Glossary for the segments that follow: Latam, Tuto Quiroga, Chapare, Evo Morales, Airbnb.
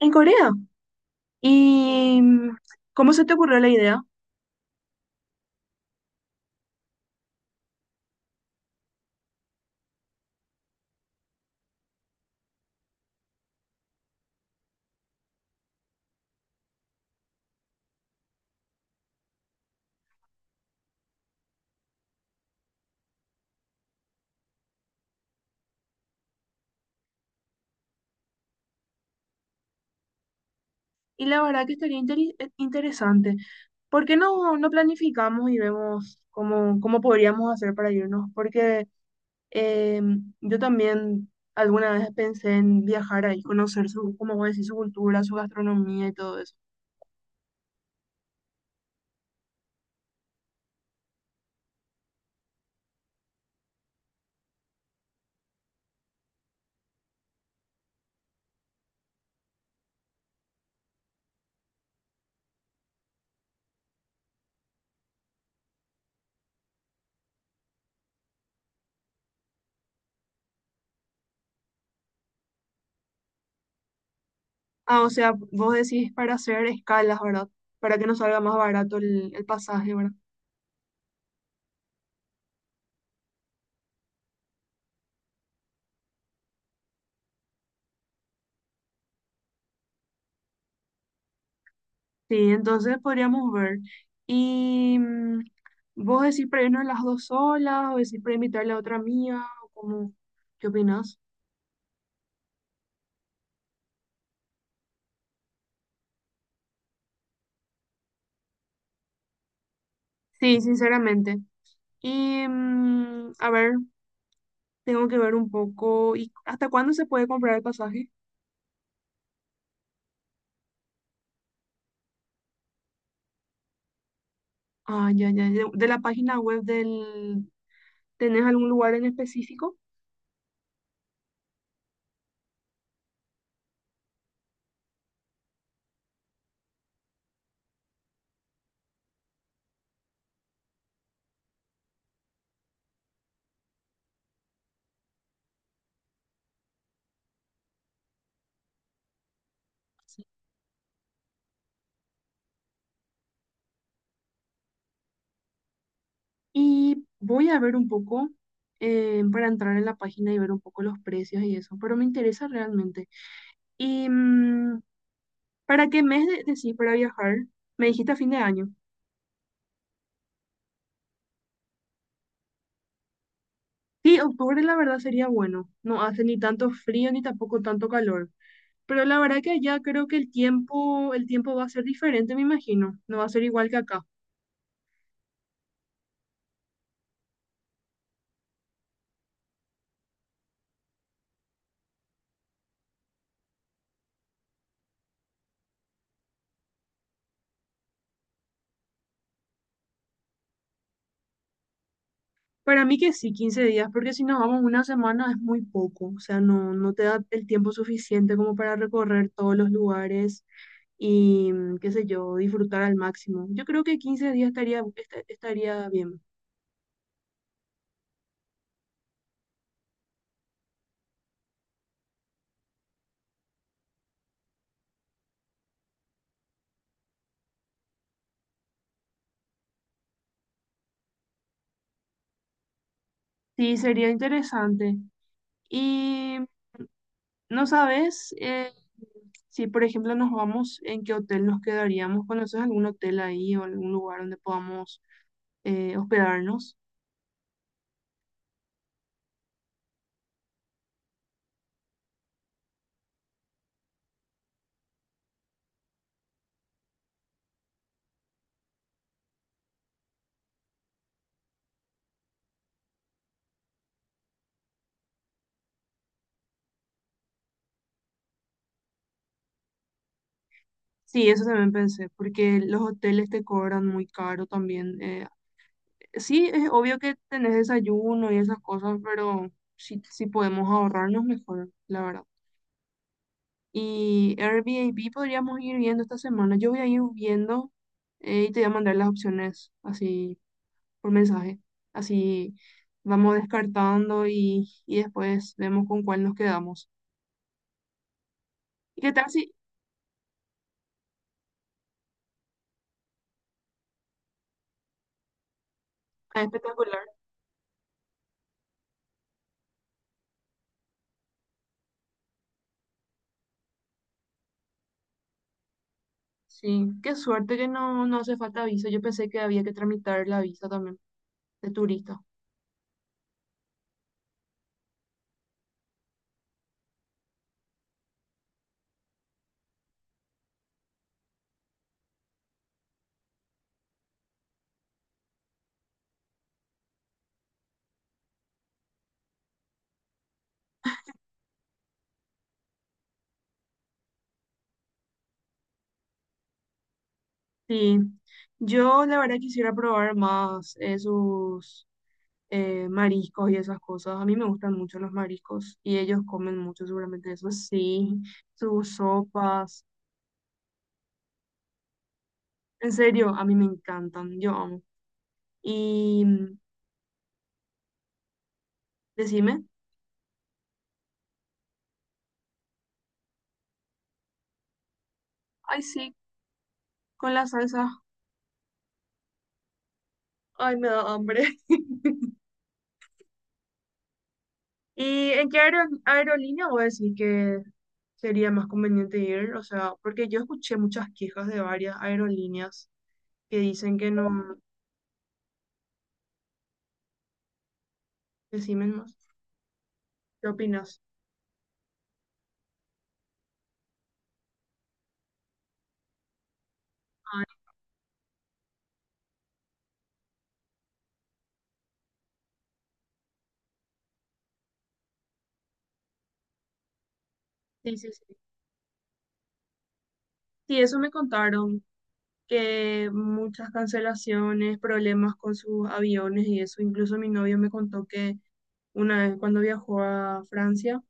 En Corea. ¿Y cómo se te ocurrió la idea? Y la verdad que estaría interesante. ¿Por qué no, no planificamos y vemos cómo podríamos hacer para irnos? Porque eh, yo también alguna vez pensé en viajar ahí, conocer su, como vos decís, su cultura, su gastronomía y todo eso. Ah, o sea, vos decís para hacer escalas, ¿verdad? Para que nos salga más barato el pasaje, ¿verdad? Sí, entonces podríamos ver. Y vos decís para irnos las dos solas, o decís para invitarle a otra amiga, o como, ¿qué opinas? Sí, sinceramente. Y a ver, tengo que ver un poco. ¿Y hasta cuándo se puede comprar el pasaje? Ah, ya, ya, ya. De la página web del... ¿Tenés algún lugar en específico? Y voy a ver un poco para entrar en la página y ver un poco los precios y eso, pero me interesa realmente. Y ¿para qué mes decís para viajar? Me dijiste a fin de año. Sí, octubre la verdad sería bueno. No hace ni tanto frío ni tampoco tanto calor. Pero la verdad que allá creo que el tiempo va a ser diferente, me imagino. No va a ser igual que acá. Para mí que sí, 15 días, porque si nos vamos una semana es muy poco. O sea, no, no te da el tiempo suficiente como para recorrer todos los lugares y, mm, qué sé yo, disfrutar al máximo. Yo creo que 15 días estaría, estaría bien. Sí, sería interesante. ¿Y no sabes si, por ejemplo, nos vamos, en qué hotel nos quedaríamos? ¿Conoces algún hotel ahí o algún lugar donde podamos hospedarnos? Sí, eso también pensé, porque los hoteles te cobran muy caro también. Sí, es obvio que tenés desayuno y esas cosas, pero si podemos ahorrarnos mejor, la verdad. Y Airbnb podríamos ir viendo esta semana. Yo voy a ir viendo y te voy a mandar las opciones así por mensaje. Así vamos descartando y después vemos con cuál nos quedamos. ¿Y qué tal si... Ah, espectacular. Sí, qué suerte que no, no hace falta visa. Yo pensé que había que tramitar la visa también de turista. Sí, yo la verdad quisiera probar más esos mariscos y esas cosas. A mí me gustan mucho los mariscos y ellos comen mucho seguramente eso. Sí, sus sopas. En serio, a mí me encantan, yo amo. Y decime. Ay, sí, con la salsa. Ay, me da hambre. ¿Y en qué aerolínea voy a decir que sería más conveniente ir? O sea, porque yo escuché muchas quejas de varias aerolíneas que dicen que no. Decime más. ¿Qué opinas? Ay, sí, sí, sí. Sí, eso me contaron, que muchas cancelaciones, problemas con sus aviones y eso. Incluso mi novio me contó que una vez cuando viajó a Francia,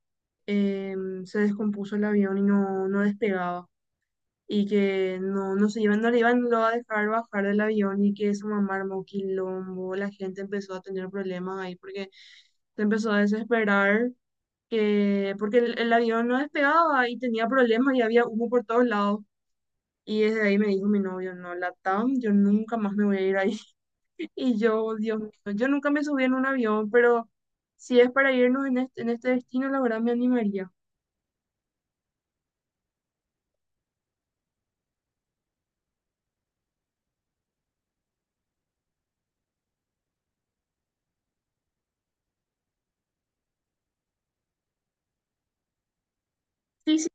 se descompuso el avión y no, no despegaba. Y que no, no se iban, no le iban luego a dejar bajar del avión y que eso mamá armó quilombo, la gente empezó a tener problemas ahí porque se empezó a desesperar que porque el avión no despegaba y tenía problemas y había humo por todos lados. Y desde ahí me dijo mi novio, no, Latam, yo nunca más me voy a ir ahí. Y yo, Dios mío, yo nunca me subí en un avión, pero si es para irnos en este destino, la verdad me animaría. Sí, sí,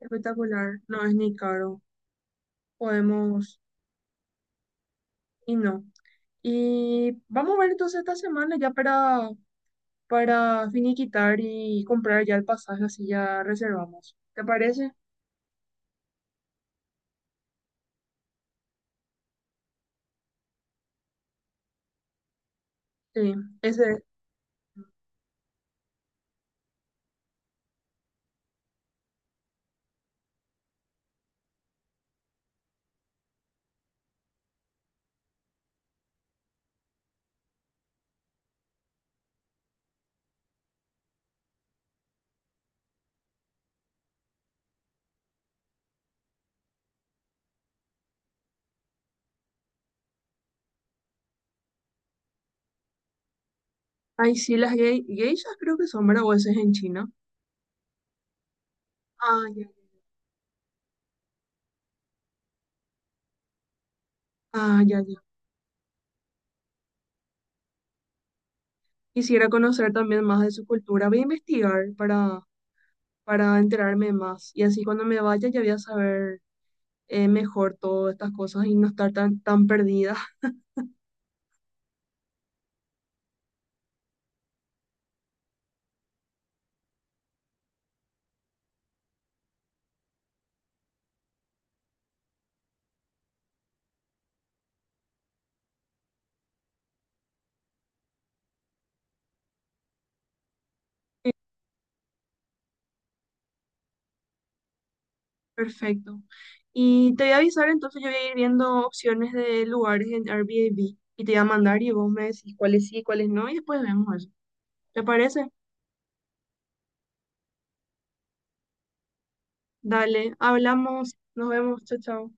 espectacular, no es ni caro, podemos, y no. Y vamos a ver entonces esta semana ya para finiquitar y comprar ya el pasaje, así ya reservamos. ¿Te parece? Sí, ese. Ay, sí, las geishas creo que son, ¿verdad? O ese es en China. Ah, ya. Ah, ya, ya. Quisiera conocer también más de su cultura. Voy a investigar para enterarme más. Y así cuando me vaya ya voy a saber mejor todas estas cosas y no estar tan, tan perdida. Perfecto. Y te voy a avisar, entonces yo voy a ir viendo opciones de lugares en Airbnb y te voy a mandar y vos me decís cuáles sí, cuáles no y después vemos eso. ¿Te parece? Dale, hablamos, nos vemos, chao, chao.